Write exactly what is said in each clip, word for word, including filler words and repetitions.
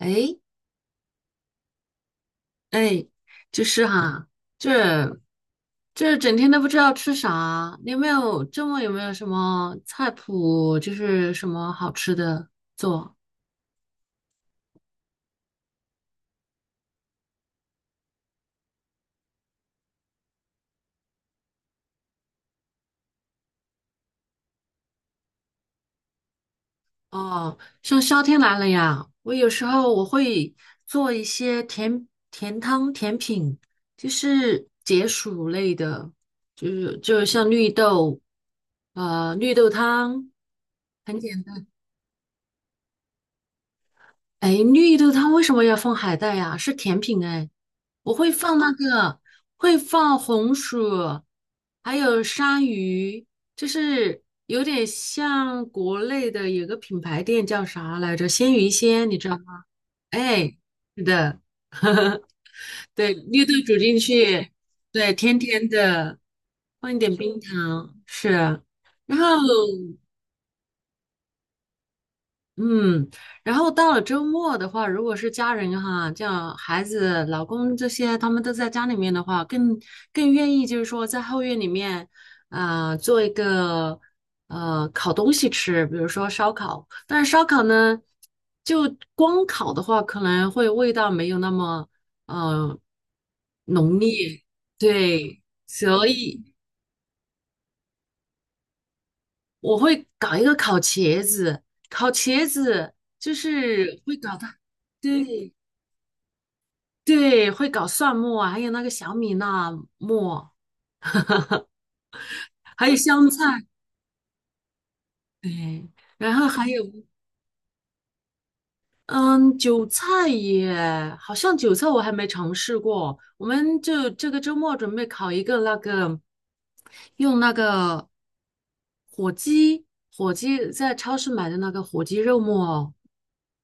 哎哎，就是哈、这这整天都不知道吃啥。你有没有周末有没有什么菜谱，就是什么好吃的做？哦，像夏天来了呀，我有时候我会做一些甜甜汤、甜品，就是解暑类的，就是就是像绿豆，呃，绿豆汤。很简。哎，绿豆汤为什么要放海带呀？是甜品哎，我会放那个，会放红薯，还有山芋，就是有点像国内的有个品牌店叫啥来着？鲜芋仙，你知道吗？哎，是的，对，绿豆煮进去，对，甜甜的，放一点冰糖，是，然后。嗯，然后到了周末的话，如果是家人哈，像孩子、老公这些，他们都在家里面的话，更更愿意就是说在后院里面，啊，做一个呃烤东西吃，比如说烧烤。但是烧烤呢，就光烤的话，可能会味道没有那么呃浓烈，对，所以。我会搞一个烤茄子，烤茄子就是会搞它，对对，会搞蒜末啊，还有那个小米辣末，还有香菜，对，然后还有。嗯，韭菜耶，好像韭菜我还没尝试过。我们就这个周末准备烤一个那个，用那个火鸡。火鸡在超市买的那个火鸡肉末哦，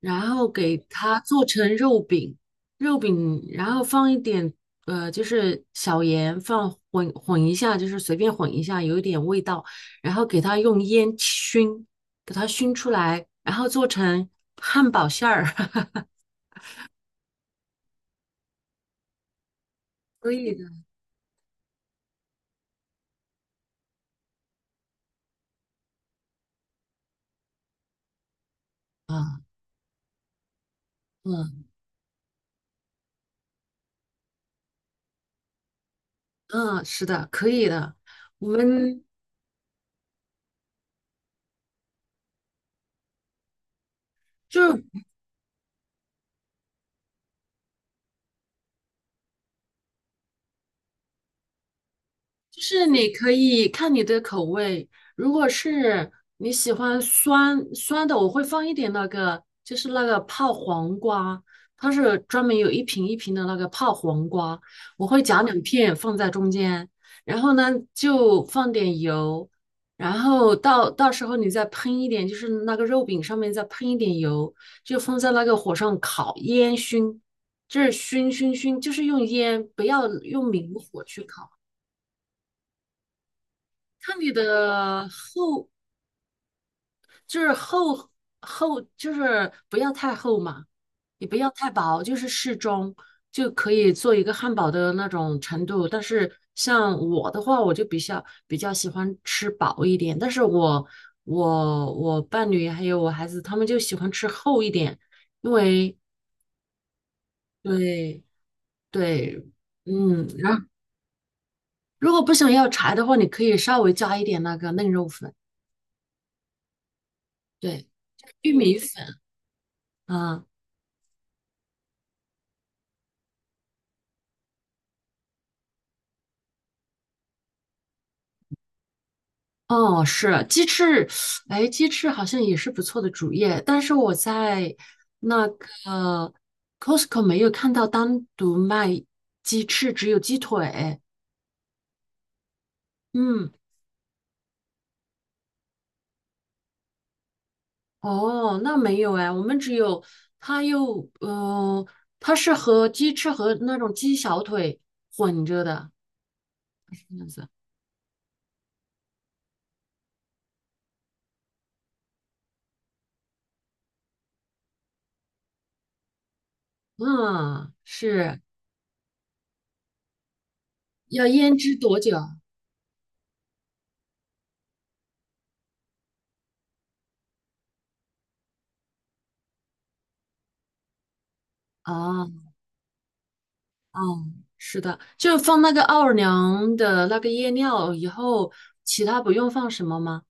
然后给它做成肉饼，肉饼，然后放一点呃，就是小盐，放混混一下，就是随便混一下，有一点味道，然后给它用烟熏。给它熏出来，然后做成汉堡馅儿，可以的啊，嗯嗯，是的，可以的。我们就是就是你可以看你的口味，如果是你喜欢酸酸的，我会放一点那个，就是那个泡黄瓜，它是专门有一瓶一瓶的那个泡黄瓜，我会夹两片放在中间，然后呢就放点油，然后到到时候你再喷一点，就是那个肉饼上面再喷一点油，就放在那个火上烤烟熏，就是熏熏熏，就是用烟，不要用明火去烤。看你的厚，就是厚厚，就是不要太厚嘛，也不要太薄，就是适中就可以做一个汉堡的那种程度。但是像我的话，我就比较比较喜欢吃薄一点，但是我我我伴侣还有我孩子他们就喜欢吃厚一点，因为对对，嗯，然后如果不想要柴的话，你可以稍微加一点那个嫩肉粉，对，玉米粉。啊。哦，是鸡翅，哎，鸡翅好像也是不错的主业，但是我在那个 Costco 没有看到单独卖鸡翅，只有鸡腿。嗯，哦，那没有哎，我们只有它又，呃，它是和鸡翅和那种鸡小腿混着的。嗯，是要腌制多久？啊？嗯，是的，就是放那个奥尔良的那个夜料以后，其他不用放什么吗？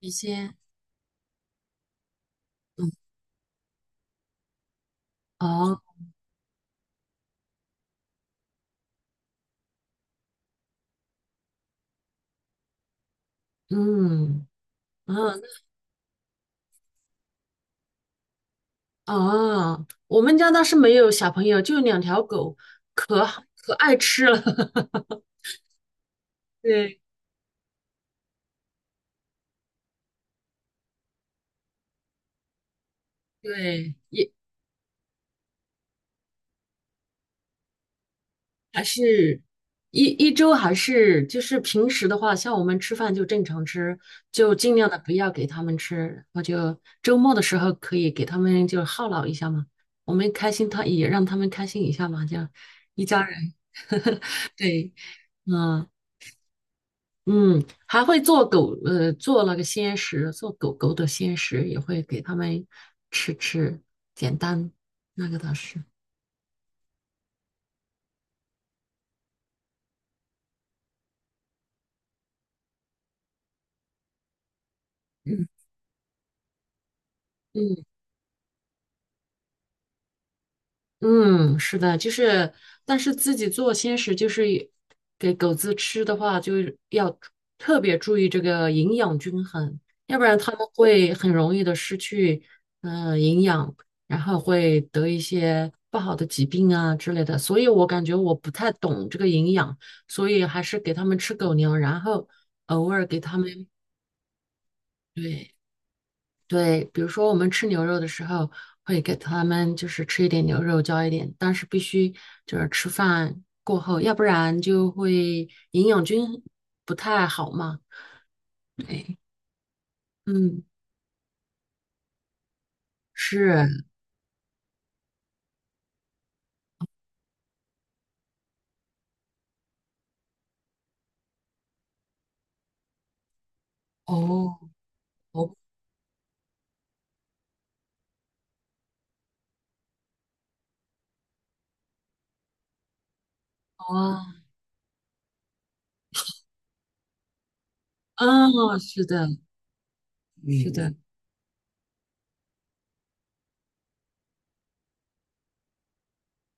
一些，嗯，哦，嗯，嗯，哦，我们家倒是没有小朋友，就两条狗，可好可爱吃了。对对，还是一一周还是就是平时的话，像我们吃饭就正常吃，就尽量的不要给他们吃，我就周末的时候可以给他们就犒劳一下嘛，我们开心他也让他们开心一下嘛，这样一家人对，嗯嗯，还会做狗呃做那个鲜食，做狗狗的鲜食也会给他们吃吃，简单那个倒是，嗯嗯嗯，是的，就是，但是自己做鲜食，就是也给狗子吃的话，就是要特别注意这个营养均衡，要不然它们会很容易的失去嗯、呃营养，然后会得一些不好的疾病啊之类的。所以我感觉我不太懂这个营养，所以还是给它们吃狗粮，然后偶尔给它们，对，对，比如说我们吃牛肉的时候，会给他们就是吃一点牛肉，浇一点，但是必须就是吃饭过后，要不然就会营养均衡不太好嘛。对，嗯，是，哦，哦，啊，啊，是的，是的，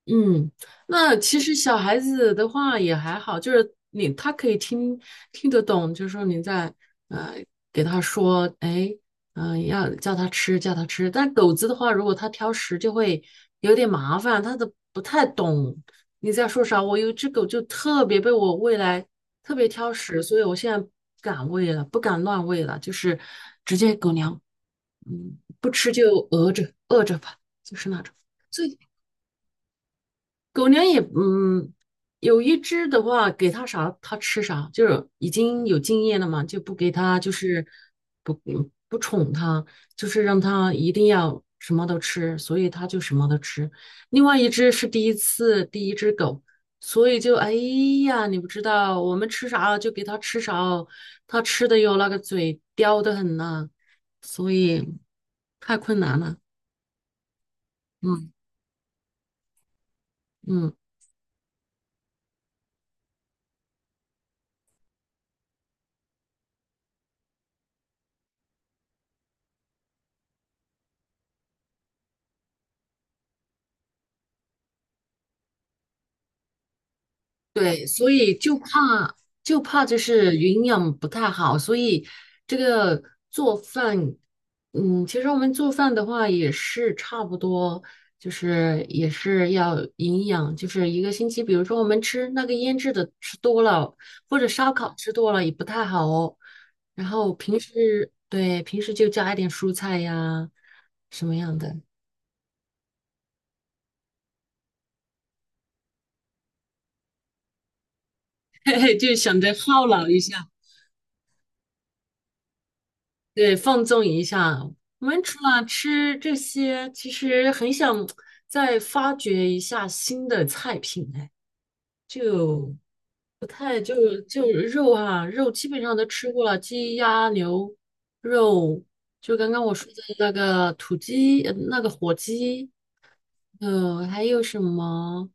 嗯，那其实小孩子的话也还好，就是你他可以听听得懂，就是说你在呃给他说，哎，嗯、要叫他吃，叫他吃。但狗子的话，如果它挑食，就会有点麻烦，他都不太懂你在说啥。我有一只狗就特别被我喂来，特别挑食，所以我现在不敢喂了，不敢乱喂了，就是直接狗粮不吃就饿着饿着吧，就是那种。狗粮也，嗯，有一只的话，给它啥它吃啥，就是已经有经验了嘛，就不给它，就是不嗯不宠它，就是让它一定要什么都吃，所以它就什么都吃。另外一只是第一次第一只狗，所以就哎呀，你不知道我们吃啥就给它吃啥哦，它吃的哟那个嘴刁的很呐、所以太困难了。嗯嗯。对，所以就怕就怕就是营养不太好，所以这个做饭，嗯，其实我们做饭的话也是差不多，就是也是要营养，就是一个星期，比如说我们吃那个腌制的吃多了，或者烧烤吃多了也不太好哦。然后平时对，平时就加一点蔬菜呀，什么样的，嘿嘿，就想着犒劳一下。对，放纵一下。我们除了吃这些，其实很想再发掘一下新的菜品，哎，就不太就就肉啊，肉基本上都吃过了，鸡鸭牛肉，就刚刚我说的那个土鸡，呃那个火鸡，呃，还有什么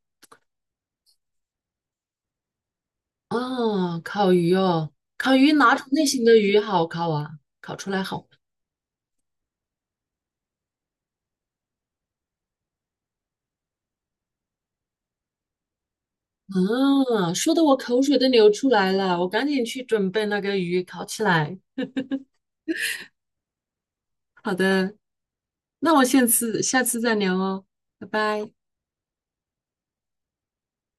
啊？烤鱼哦，烤鱼哪种类型的鱼好烤啊？烤出来好。啊，说的我口水都流出来了，我赶紧去准备那个鱼烤起来。好的，那我下次下次再聊哦，拜拜。